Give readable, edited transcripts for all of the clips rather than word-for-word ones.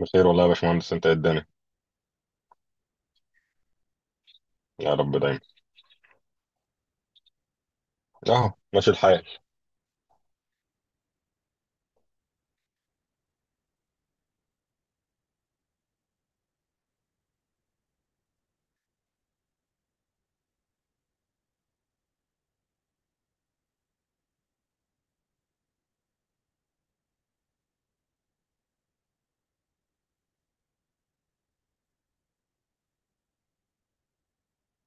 بخير والله يا باشمهندس، انت ايه الدنيا؟ يا رب دايما. اهو ماشي الحال.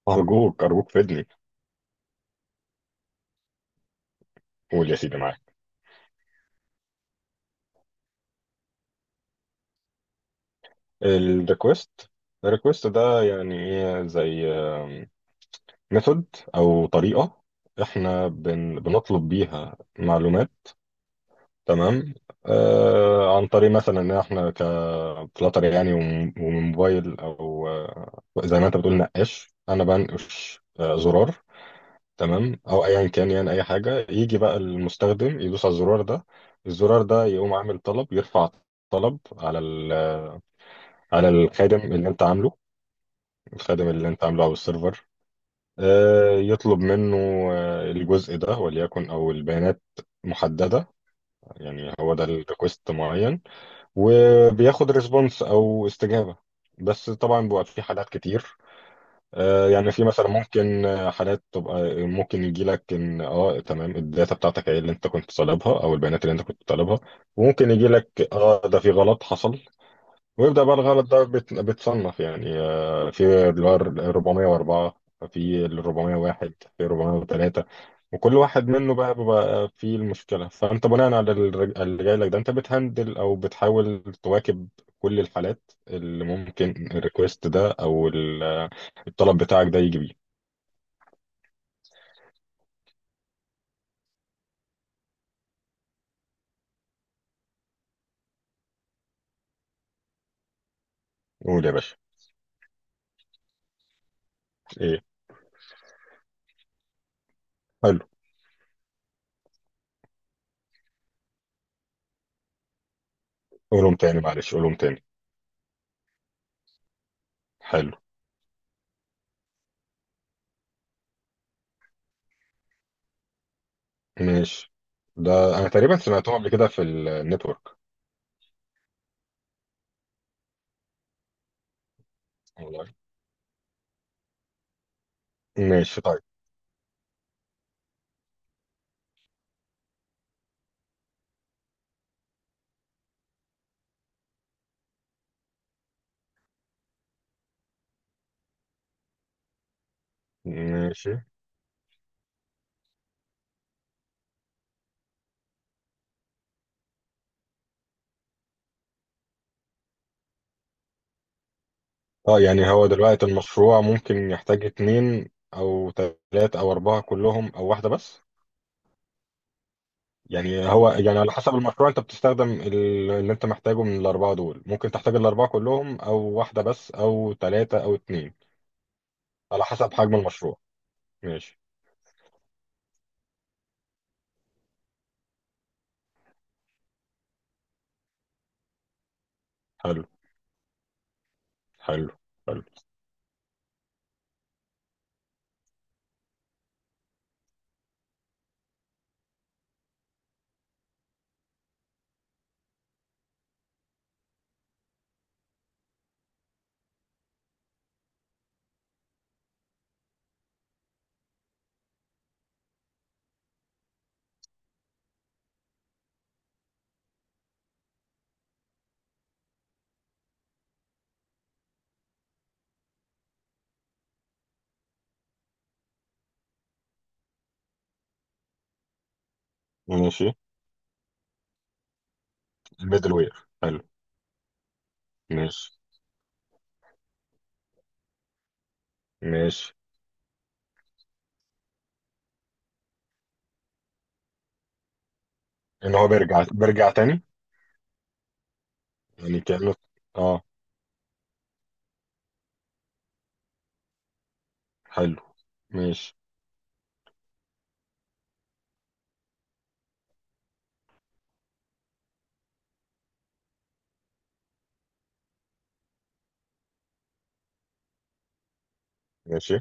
ارجوك ارجوك فدني. قول يا سيدي معاك. الريكوست؟ الريكوست ده يعني ايه، زي ميثود او طريقه احنا بنطلب بيها معلومات. تمام. عن طريق مثلا ان احنا كفلاتر، يعني ومن موبايل، او زي ما انت بتقول نقاش، انا بنقش زرار. تمام، او ايا كان، يعني اي حاجه. يجي بقى المستخدم يدوس على الزرار ده، الزرار ده يقوم عامل طلب، يرفع طلب على على الخادم اللي انت عامله. الخادم اللي انت عامله او السيرفر، يطلب منه الجزء ده وليكن، او البيانات محدده. يعني هو ده الريكوست معين، وبياخد ريسبونس او استجابه. بس طبعا بيبقى في حالات كتير. يعني في مثلا ممكن حالات تبقى، ممكن يجي لك ان تمام، الداتا بتاعتك ايه اللي انت كنت طالبها او البيانات اللي انت كنت طالبها. وممكن يجي لك ده في غلط حصل. ويبدأ بقى الغلط ده بتصنف، يعني في اللي هو ال 404، في ال 401، في 403. وكل واحد منه بقى بيبقى فيه المشكلة. فأنت بناء على اللي جاي لك ده، أنت بتهندل أو بتحاول تواكب كل الحالات اللي ممكن الريكوست ده أو الطلب بتاعك ده يجي بيه. قول يا باشا. إيه. حلو. قولهم تاني معلش، قولهم تاني. حلو. ماشي. ده أنا تقريبا سمعتهم قبل كده في النتورك. والله؟ ماشي طيب. ماشي. اه، يعني هو دلوقتي المشروع ممكن يحتاج 2 او 3 او 4 كلهم او واحدة بس. يعني هو، يعني على حسب المشروع انت بتستخدم اللي انت محتاجه من 4 دول. ممكن تحتاج 4 كلهم او واحدة بس او 3 او 2. على حسب حجم المشروع. ماشي. حلو. حلو. حلو. ماشي. الميدل وير. حلو. ماشي. ماشي، ان هو بيرجع بيرجع تاني، يعني كأنه. اه. حلو. ماشي. ماشي.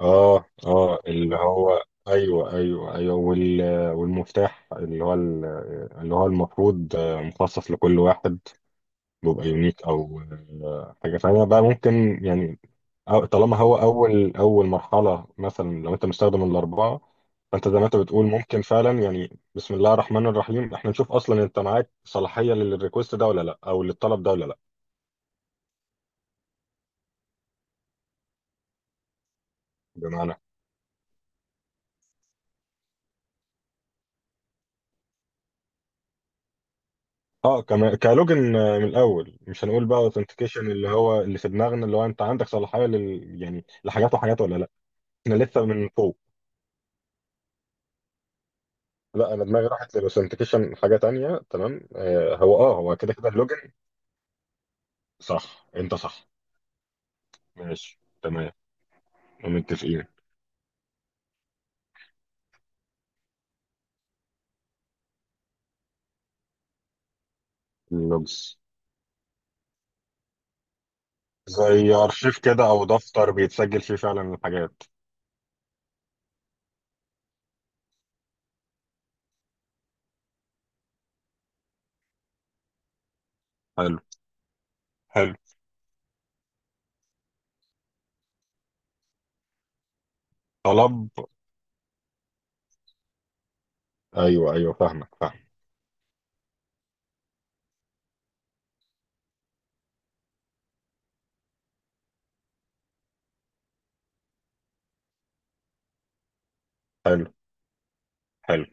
اه اه، اللي هو، ايوه ايوه ايوه، والمفتاح، اللي هو اللي هو المفروض مخصص لكل واحد، بيبقى يونيك، او حاجه ثانيه بقى، ممكن يعني. طالما هو اول اول مرحله، مثلا لو انت مستخدم 4، فانت زي ما انت بتقول ممكن فعلا، يعني بسم الله الرحمن الرحيم، احنا نشوف اصلا انت معاك صلاحيه للريكوست ده ولا لا، او للطلب ده ولا لا. بمعنى. اه كمان كلوجن، من الاول، مش هنقول بقى اوثنتيكيشن اللي هو اللي في دماغنا، اللي هو انت عندك صلاحيه لل، يعني لحاجات وحاجات ولا لا. احنا لسه من فوق. لا، انا دماغي راحت للاوثنتيكيشن حاجه تانية. تمام. هو كده كده اللوجن. صح، انت صح. ماشي تمام. متفقين. اللوجز؟ زي ارشيف كده او دفتر بيتسجل فيه فعلا الحاجات. حلو. حلو. طلب. ايوه ايوه، فاهمك فاهم. حلو. حلو.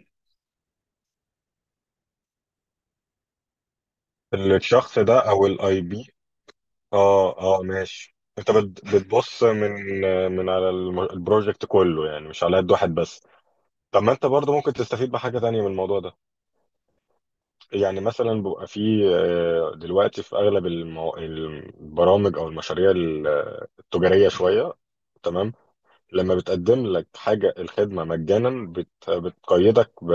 الشخص ده او الاي بي؟ اه اه ماشي، انت بتبص من على البروجكت كله، يعني مش على قد واحد بس. طب ما انت برضه ممكن تستفيد بحاجة تانية من الموضوع ده. يعني مثلا بيبقى فيه دلوقتي، في اغلب البرامج او المشاريع التجارية شوية. تمام. لما بتقدم لك حاجة، الخدمة مجانا، بتقيدك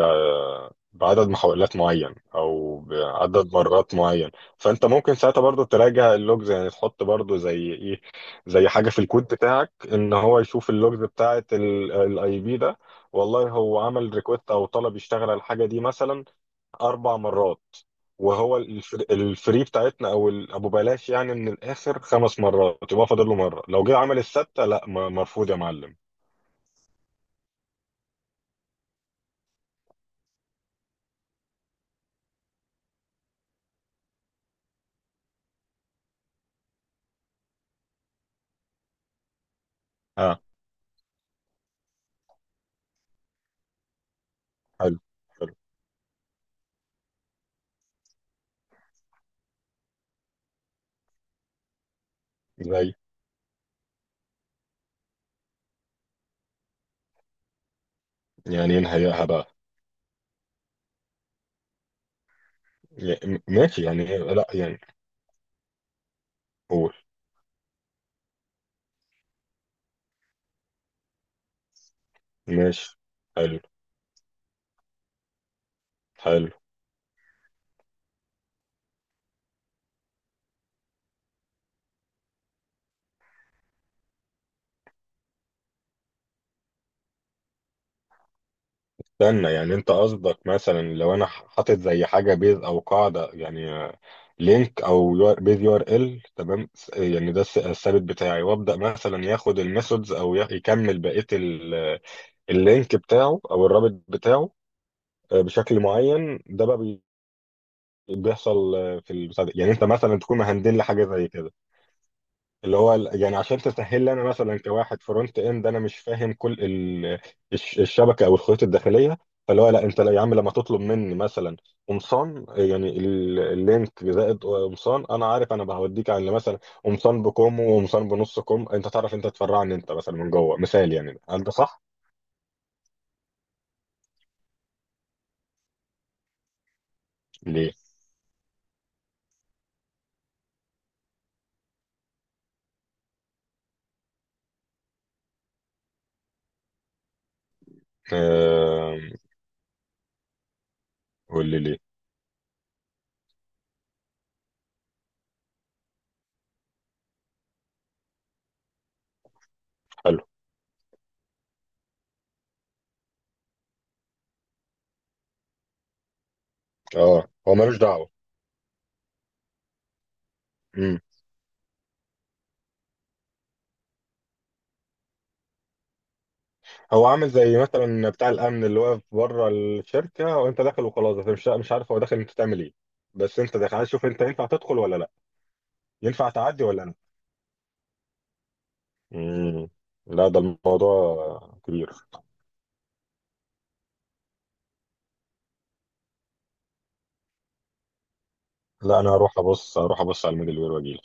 بعدد محاولات معين أو بعدد مرات معين. فأنت ممكن ساعتها برضو تراجع اللوجز، يعني تحط برضو زي إيه، زي حاجة في الكود بتاعك إن هو يشوف اللوجز بتاعة الاي بي ده، والله هو عمل ريكوست أو طلب يشتغل على الحاجة دي مثلا 4 مرات. وهو الفري بتاعتنا او ابو بلاش يعني، من الاخر 5 مرات. يبقى فاضل له مره، لو جه عمل ال6، لا مرفوض يا معلم. حلو. حلو. زي. يعني ايه نهيئها بقى؟ يعني ماشي، يعني ايه، لا يعني. قول. ماشي. حلو. حلو. استنى، يعني انت قصدك مثلا لو انا حاطط زي حاجه بيز او قاعده، يعني لينك، او بيز يو ار ال، تمام، يعني ده الثابت بتاعي، وابدا مثلا ياخد الميثودز او ي- يكمل بقيه اللينك بتاعه او الرابط بتاعه بشكل معين. ده بقى بيحصل في البتاع ده. يعني انت مثلا تكون مهندل لي حاجه زي كده، اللي هو يعني عشان تسهل لي انا مثلا كواحد فرونت اند، انا مش فاهم كل الشبكه او الخيوط الداخليه. فاللي هو لا، انت لا يا عم، لما تطلب مني مثلا قمصان، يعني اللينك زائد قمصان، انا عارف انا هوديك على مثلا قمصان بكم وقمصان بنص كم. انت تعرف، انت تفرعني انت مثلا من جوه. مثال يعني، هل ده صح؟ ليه؟ آه. قول لي ليه؟ حلو. اه، هو ملوش دعوه. هو عامل زي مثلا بتاع الامن اللي واقف بره الشركه، وانت داخل وخلاص، انت مش عارف هو داخل انت تعمل ايه. بس انت داخل، عايز تشوف انت ينفع تدخل ولا لا، ينفع تعدي ولا لا. امم. لا، ده الموضوع كبير. لا، انا هروح ابص على الميدل وير واجي.